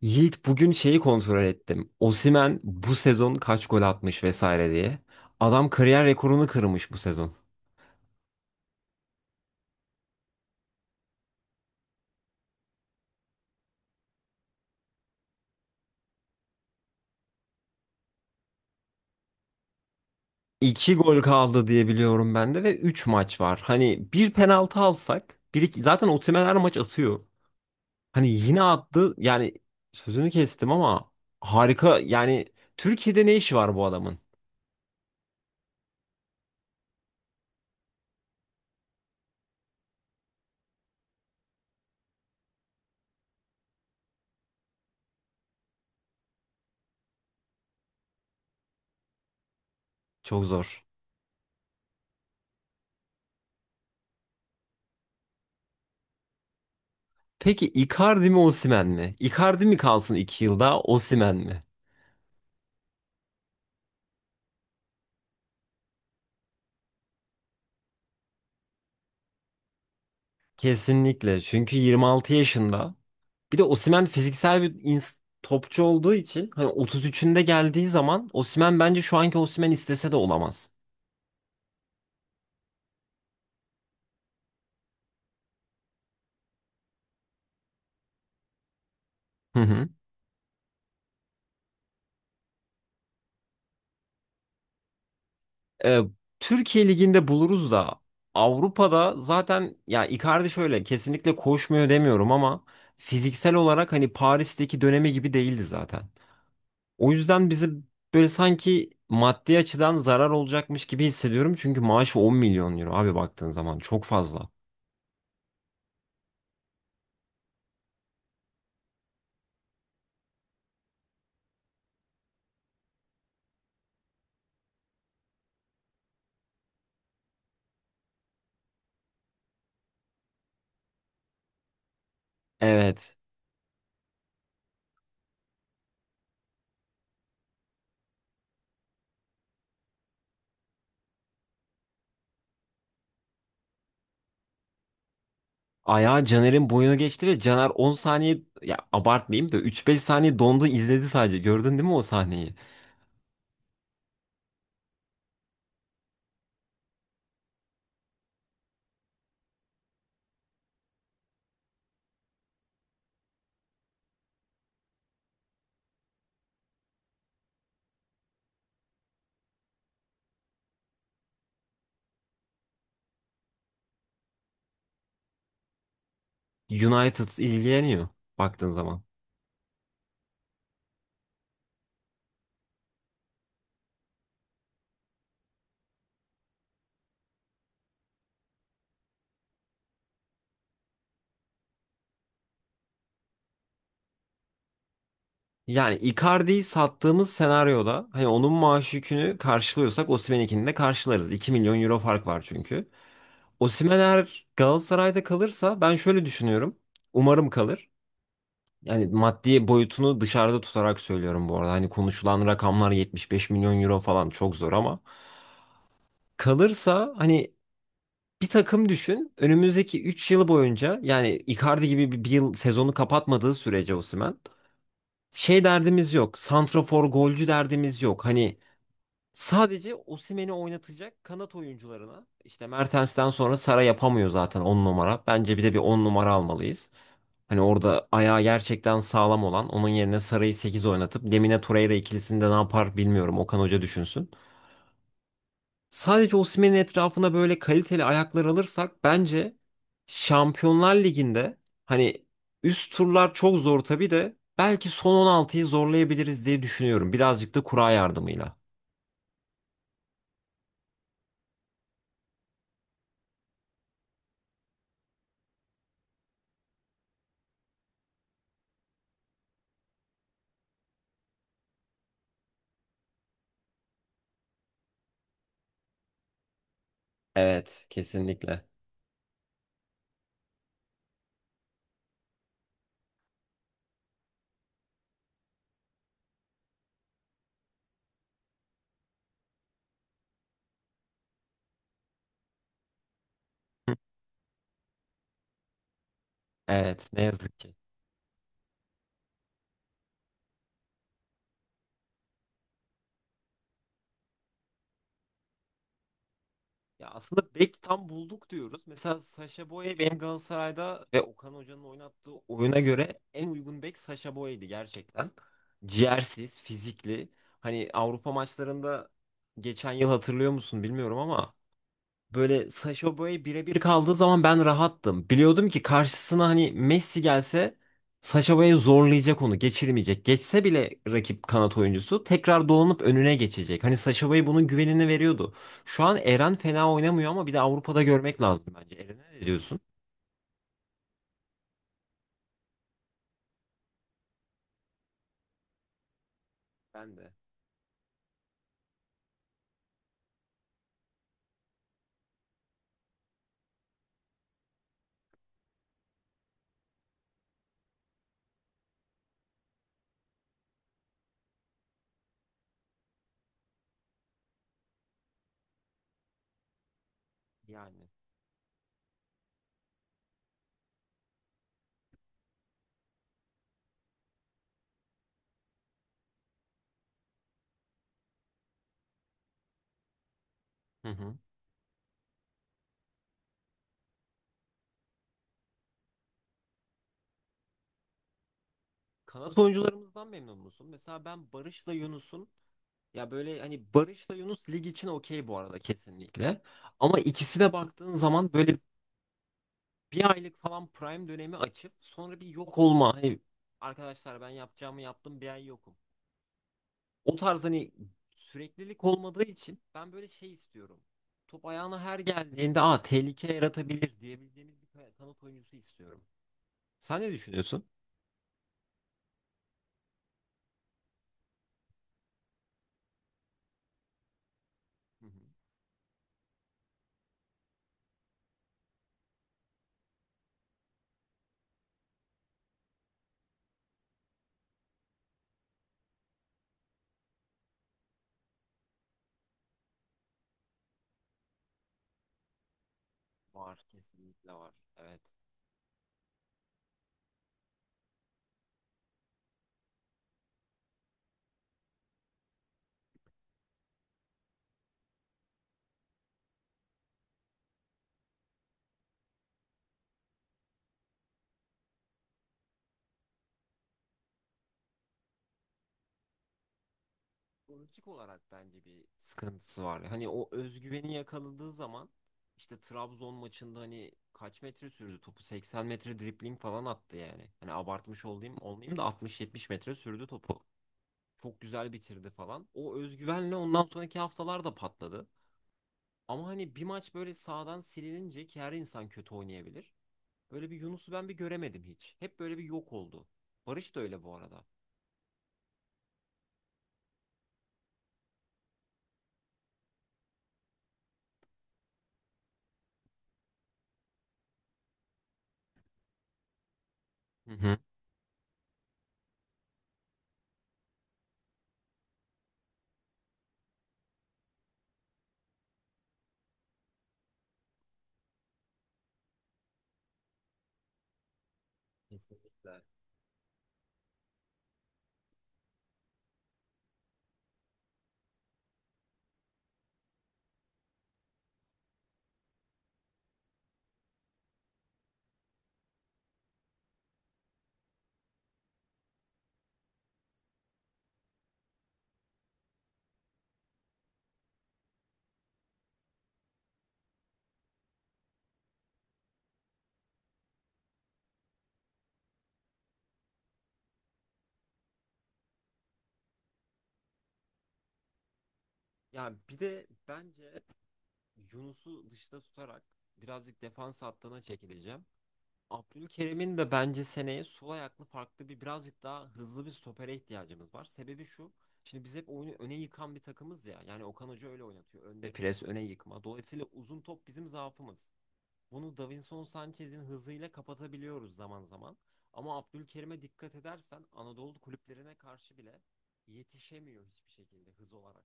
Yiğit bugün şeyi kontrol ettim. Osimhen bu sezon kaç gol atmış vesaire diye. Adam kariyer rekorunu kırmış bu sezon. 2 gol kaldı diye biliyorum ben de ve 3 maç var. Hani bir penaltı alsak, bir iki, zaten Osimhen her maç atıyor. Hani yine attı. Yani sözünü kestim ama harika. Yani Türkiye'de ne işi var bu adamın? Çok zor. Peki Icardi mi Osimhen mi? Icardi mi kalsın 2 yılda, Osimhen mi? Kesinlikle. Çünkü 26 yaşında. Bir de Osimhen fiziksel topçu olduğu için hani 33'ünde geldiği zaman Osimhen bence şu anki Osimhen istese de olamaz. Hı hı. Ee, Türkiye Ligi'nde buluruz da Avrupa'da zaten ya Icardi şöyle kesinlikle koşmuyor demiyorum ama fiziksel olarak hani Paris'teki dönemi gibi değildi zaten. O yüzden bizi böyle sanki maddi açıdan zarar olacakmış gibi hissediyorum çünkü maaşı 10 milyon euro abi baktığın zaman çok fazla. Evet. Ayağı Caner'in boyuna geçti ve Caner 10 saniye ya abartmayayım da üç beş saniye dondu izledi sadece. Gördün değil mi o sahneyi? United ilgileniyor baktığın zaman. Yani Icardi'yi sattığımız senaryoda hani onun maaş yükünü karşılıyorsak Osimhen'inkini de karşılarız. 2 milyon euro fark var çünkü. Osimhen eğer Galatasaray'da kalırsa ben şöyle düşünüyorum. Umarım kalır. Yani maddi boyutunu dışarıda tutarak söylüyorum bu arada. Hani konuşulan rakamlar 75 milyon euro falan çok zor ama kalırsa hani bir takım düşün. Önümüzdeki 3 yıl boyunca yani Icardi gibi bir yıl sezonu kapatmadığı sürece Osimhen şey derdimiz yok. Santrafor golcü derdimiz yok. Hani sadece Osimhen'i oynatacak kanat oyuncularına işte Mertens'ten sonra Sara yapamıyor zaten 10 numara. Bence bir de bir 10 numara almalıyız. Hani orada ayağı gerçekten sağlam olan onun yerine Sara'yı 8 oynatıp Lemine Torreira ikilisini de ne yapar bilmiyorum. Okan Hoca düşünsün. Sadece Osimhen'in etrafına böyle kaliteli ayaklar alırsak bence Şampiyonlar Ligi'nde hani üst turlar çok zor tabii de belki son 16'yı zorlayabiliriz diye düşünüyorum. Birazcık da kura yardımıyla. Evet, kesinlikle. Evet, ne yazık ki. Ya aslında bek tam bulduk diyoruz. Mesela Sacha Boey benim Galatasaray'da ve Okan Hoca'nın oynattığı oyuna göre en uygun bek Sacha Boey'di gerçekten. Ciğersiz, fizikli. Hani Avrupa maçlarında geçen yıl hatırlıyor musun bilmiyorum ama böyle Sacha Boey birebir kaldığı zaman ben rahattım. Biliyordum ki karşısına hani Messi gelse Sacha Boey zorlayacak onu, geçirmeyecek. Geçse bile rakip kanat oyuncusu tekrar dolanıp önüne geçecek. Hani Sacha Boey bunun güvenini veriyordu. Şu an Eren fena oynamıyor ama bir de Avrupa'da görmek lazım bence. Eren'e ne diyorsun? Ben de yani. Hı hı. Kanat oyuncularımızdan memnun musun? Mesela ben Barış'la Yunus'un ya böyle hani Barış'la Yunus lig için okey bu arada kesinlikle. Ama ikisine baktığın zaman böyle bir aylık falan prime dönemi açıp sonra bir yok olma. Hani arkadaşlar ben yapacağımı yaptım bir ay yokum. O tarz hani süreklilik olmadığı için ben böyle şey istiyorum. Top ayağına her geldiğinde aa tehlike yaratabilir diyebileceğimiz bir kanat oyuncusu istiyorum. Sen ne düşünüyorsun? Hı hı. Var kesinlikle var. Evet. Psikolojik olarak bence bir sıkıntısı var. Hani o özgüveni yakaladığı zaman işte Trabzon maçında hani kaç metre sürdü topu? 80 metre dribling falan attı yani. Hani abartmış olayım olmayayım da 60-70 metre sürdü topu. Çok güzel bitirdi falan. O özgüvenle ondan sonraki haftalar da patladı. Ama hani bir maç böyle sağdan silinince ki her insan kötü oynayabilir. Böyle bir Yunus'u ben bir göremedim hiç. Hep böyle bir yok oldu. Barış da öyle bu arada. Hı hı. Kesinlikle. Ya bir de bence Yunus'u dışta tutarak birazcık defans hattına çekileceğim. Abdülkerim'in de bence seneye sol ayaklı farklı bir birazcık daha hızlı bir stopere ihtiyacımız var. Sebebi şu. Şimdi biz hep oyunu öne yıkan bir takımız ya. Yani Okan Hoca öyle oynatıyor. Önde pres, öne yıkma. Dolayısıyla uzun top bizim zaafımız. Bunu Davinson Sanchez'in hızıyla kapatabiliyoruz zaman zaman. Ama Abdülkerim'e dikkat edersen Anadolu kulüplerine karşı bile yetişemiyor hiçbir şekilde hız olarak.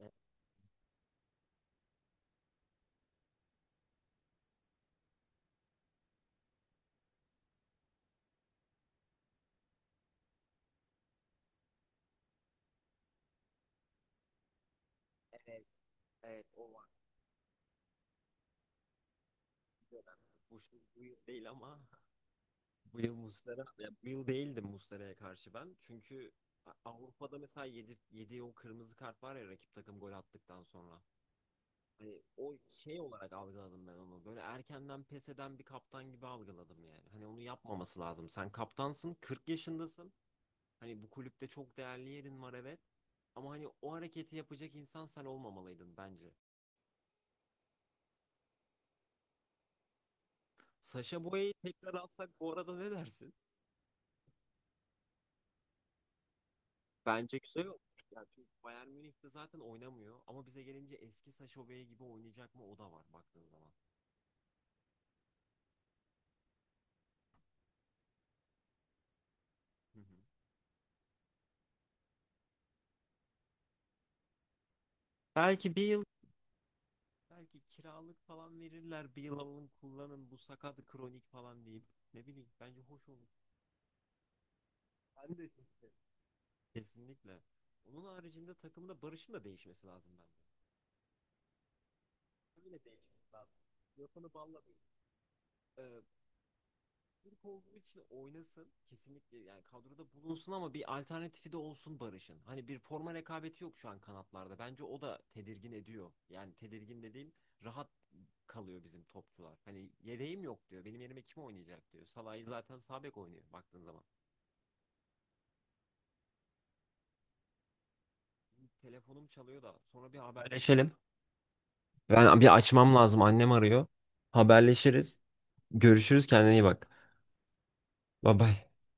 Evet. Evet, o var. Bu yıl değil ama bu yıl Muslera, ya bu yıl değildim Muslera'ya karşı ben. Çünkü Avrupa'da mesela yediği o kırmızı kart var ya rakip takım gol attıktan sonra. Hani o şey olarak algıladım ben onu. Böyle erkenden pes eden bir kaptan gibi algıladım yani. Hani onu yapmaması lazım. Sen kaptansın, 40 yaşındasın. Hani bu kulüpte çok değerli yerin var evet. Ama hani o hareketi yapacak insan sen olmamalıydın bence. Sacha Boey'i tekrar alsak bu arada ne dersin? Bence güzel olur. Yani çünkü Bayern Münih de zaten oynamıyor. Ama bize gelince eski Sacha Boey gibi oynayacak mı o da var baktığın zaman. Hı hı. Belki bir yıl belki kiralık falan verirler. Bir yıl alın kullanın bu sakat kronik falan deyip. Ne bileyim bence hoş olur. Ben de çok isterim. Kesinlikle. Onun haricinde takımda Barış'ın da değişmesi lazım bence. Öyle değişmesi lazım. Yapanı balla değil. Ee, Türk olduğu için oynasın. Kesinlikle yani kadroda bulunsun ama bir alternatifi de olsun Barış'ın. Hani bir forma rekabeti yok şu an kanatlarda. Bence o da tedirgin ediyor. Yani tedirgin dediğim rahat kalıyor bizim topçular. Hani yedeğim yok diyor. Benim yerime kim oynayacak diyor. Salah'ı zaten sağ bek oynuyor baktığın zaman. Telefonum çalıyor da sonra bir haberleşelim. Ben bir açmam lazım. Annem arıyor. Haberleşiriz. Görüşürüz. Kendine iyi bak. Bye bye.